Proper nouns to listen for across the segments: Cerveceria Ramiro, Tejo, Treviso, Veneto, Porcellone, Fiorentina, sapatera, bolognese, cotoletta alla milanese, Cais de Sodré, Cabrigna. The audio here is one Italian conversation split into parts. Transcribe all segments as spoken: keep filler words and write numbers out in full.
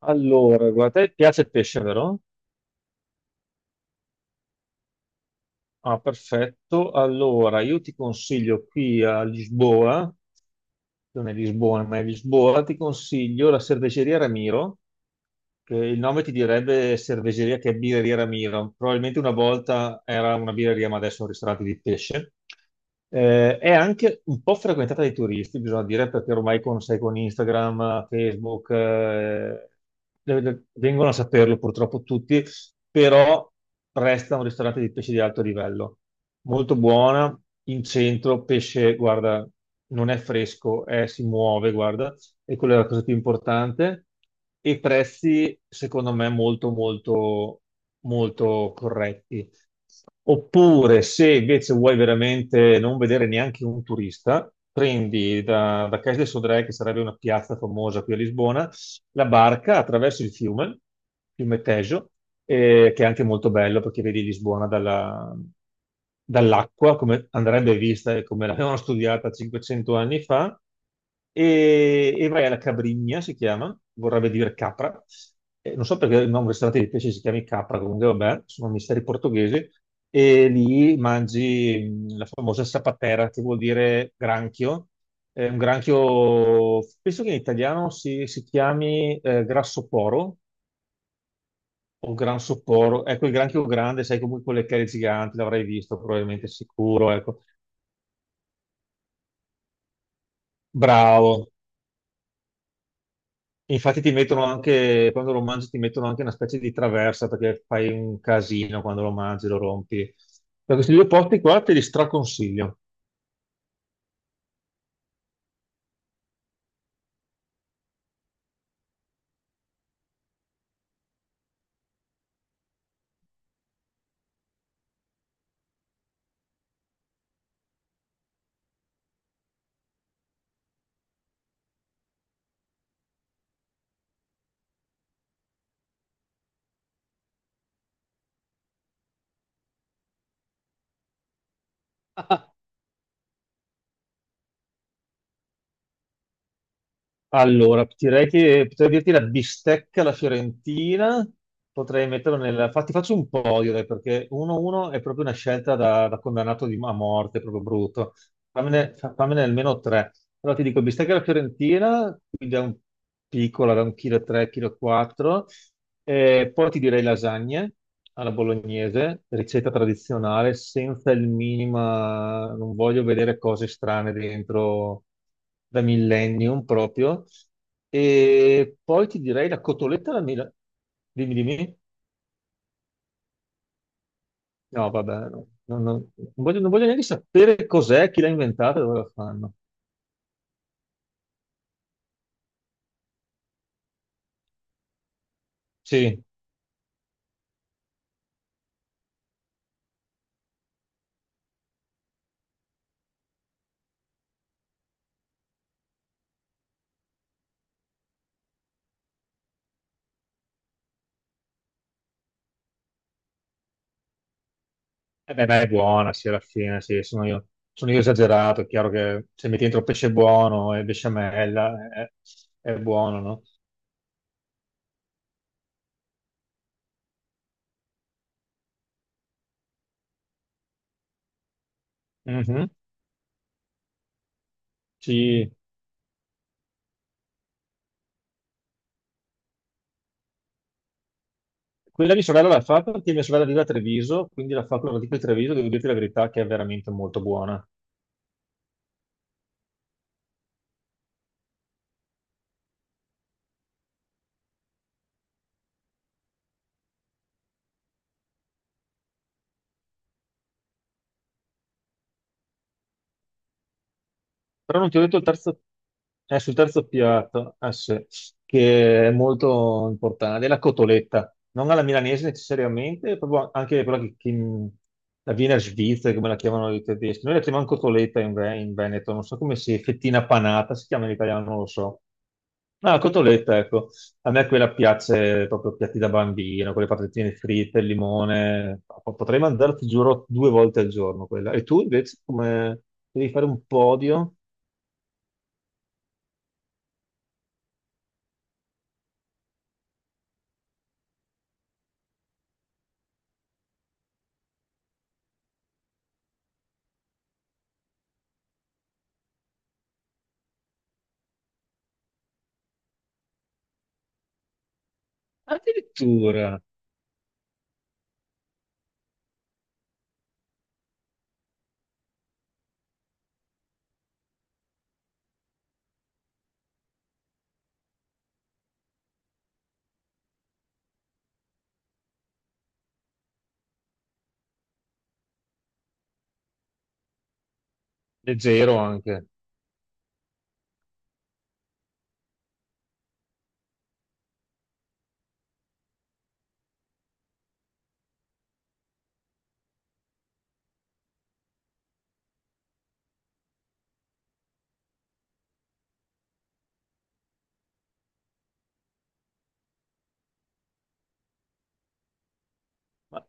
Allora, guarda, te piace il pesce, vero? Ah, perfetto. Allora, io ti consiglio qui a Lisboa, non è Lisbona, ma è Lisboa, ti consiglio la cerveceria Ramiro. Eh, il nome ti direbbe Cerveseria che è Birreria Ramiro. Probabilmente una volta era una birreria, ma adesso è un ristorante di pesce. Eh, è anche un po' frequentata dai turisti, bisogna dire, perché ormai con, sai, con Instagram, Facebook, eh, le- vengono a saperlo purtroppo tutti, però resta un ristorante di pesce di alto livello. Molto buona, in centro, pesce, guarda, non è fresco, eh, si muove, guarda, e quella è la cosa più importante, e prezzi secondo me molto molto molto corretti. Oppure se invece vuoi veramente non vedere neanche un turista, prendi da, da Cais de Sodré, che sarebbe una piazza famosa qui a Lisbona, la barca attraverso il fiume, fiume Tejo, eh, che è anche molto bello perché vedi Lisbona dalla- dall'acqua, come andrebbe vista e come l'avevano studiata cinquecento anni fa, e, e vai alla Cabrigna, si chiama, vorrebbe dire capra. Eh, non so perché il nome ristorante di pesce si chiami capra, comunque vabbè, sono misteri portoghesi, e lì mangi mh, la famosa sapatera, che vuol dire granchio, è un granchio, penso che in italiano si, si chiami eh, grassoporo o gransoporo. Ecco, il granchio grande, sai comunque quelle chele giganti, l'avrai visto probabilmente sicuro, ecco. Bravo. Infatti ti mettono anche, quando lo mangi ti mettono anche una specie di traversa perché fai un casino quando lo mangi, lo rompi. Da questi due posti qua te li straconsiglio. Allora, direi che potrei dirti la bistecca alla Fiorentina, potrei metterlo nel... fa- ti faccio un podio, dai, perché uno uno è proprio una scelta da, da condannato di- a morte, proprio brutto. Fammene, fa- fammene almeno tre. Allora ti dico bistecca alla Fiorentina, quindi da un piccola, da un chilo e tre, chilo e quattro. Eh, poi ti direi lasagne alla bolognese, ricetta tradizionale, senza il minima, non voglio vedere cose strane dentro da millennium proprio. E poi ti direi la cotoletta alla mila. Dimmi, dimmi. No, vabbè, no, no, no. Non voglio, non voglio neanche sapere cos'è, chi l'ha inventata e dove la fanno. Sì. Eh beh, ma è buona, sì, alla fine, sì, sono io, sono io, esagerato, è chiaro che se metti dentro pesce buono e besciamella è, è buono, no? Mhm. Sì. Quella di sorella la fa perché mia sorella vive a Treviso, quindi la fa con la di Treviso, devo dirti la verità che è veramente molto buona. Però non ti ho detto il terzo, è sul terzo piatto, eh sì, che è molto importante, è la cotoletta, non alla milanese necessariamente, proprio anche quella che, che la viene a Svizzera, come la chiamano i tedeschi. Noi la chiamiamo cotoletta in, Ve- in Veneto, non so come si, fettina panata, si chiama in italiano, non lo so. Ah, la cotoletta, ecco, a me quella piace proprio piatti da bambino, quelle patatine fritte, il limone, no, Po- potrei mangiare, ti giuro, due volte al giorno quella. E tu invece come devi fare un podio? Addirittura, leggero anche. Ma,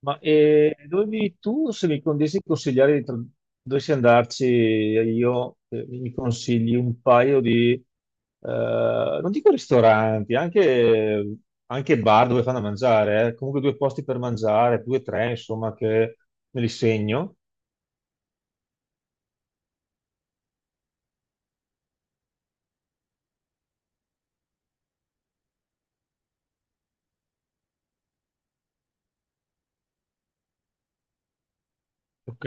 ma, eh, Dove vivi tu? Se mi condissi consigliare di tra- dovessi andarci io, eh, mi consigli un paio di, eh, non dico ristoranti, anche, anche bar dove fanno a mangiare, eh. Comunque due posti per mangiare, due o tre, insomma, che me li segno. Ok?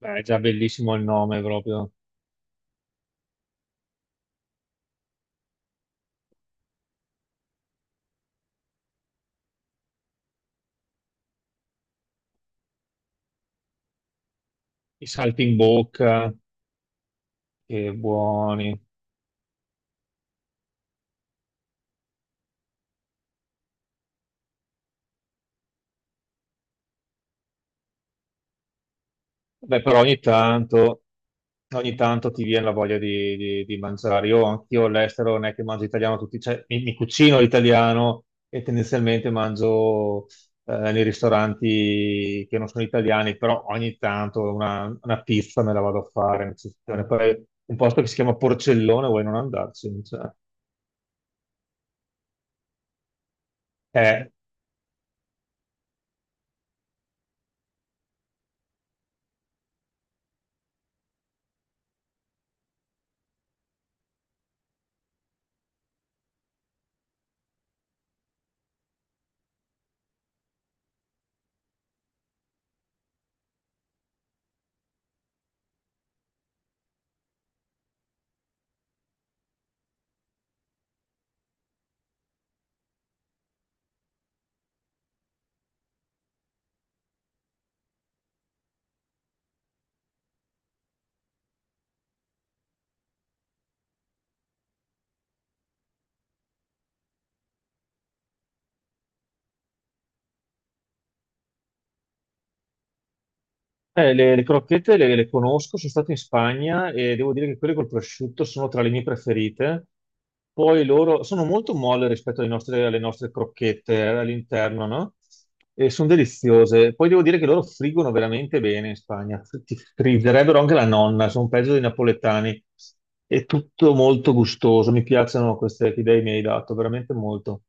Beh, è già bellissimo il nome proprio. I salti in bocca, che buoni. Beh, però ogni tanto. Ogni tanto ti viene la voglia di, di- di mangiare. Io anch'io all'estero non è che mangio italiano tutti, cioè, mi, mi cucino l'italiano e tendenzialmente mangio eh, nei ristoranti che non sono italiani, però ogni tanto una, una pizza me la vado a fare. In eccezione. Poi un posto che si chiama Porcellone, vuoi non andarci? Cioè, è Eh, le, le crocchette le, le conosco, sono stato in Spagna e devo dire che quelle col prosciutto sono tra le mie preferite. Poi loro sono molto molle rispetto alle nostre, alle nostre crocchette all'interno, no? E sono deliziose. Poi devo dire che loro friggono veramente bene in Spagna. Ti frigerebbero anche la nonna, sono peggio dei napoletani. È tutto molto gustoso, mi piacciono queste che idee mi hai dato, veramente molto.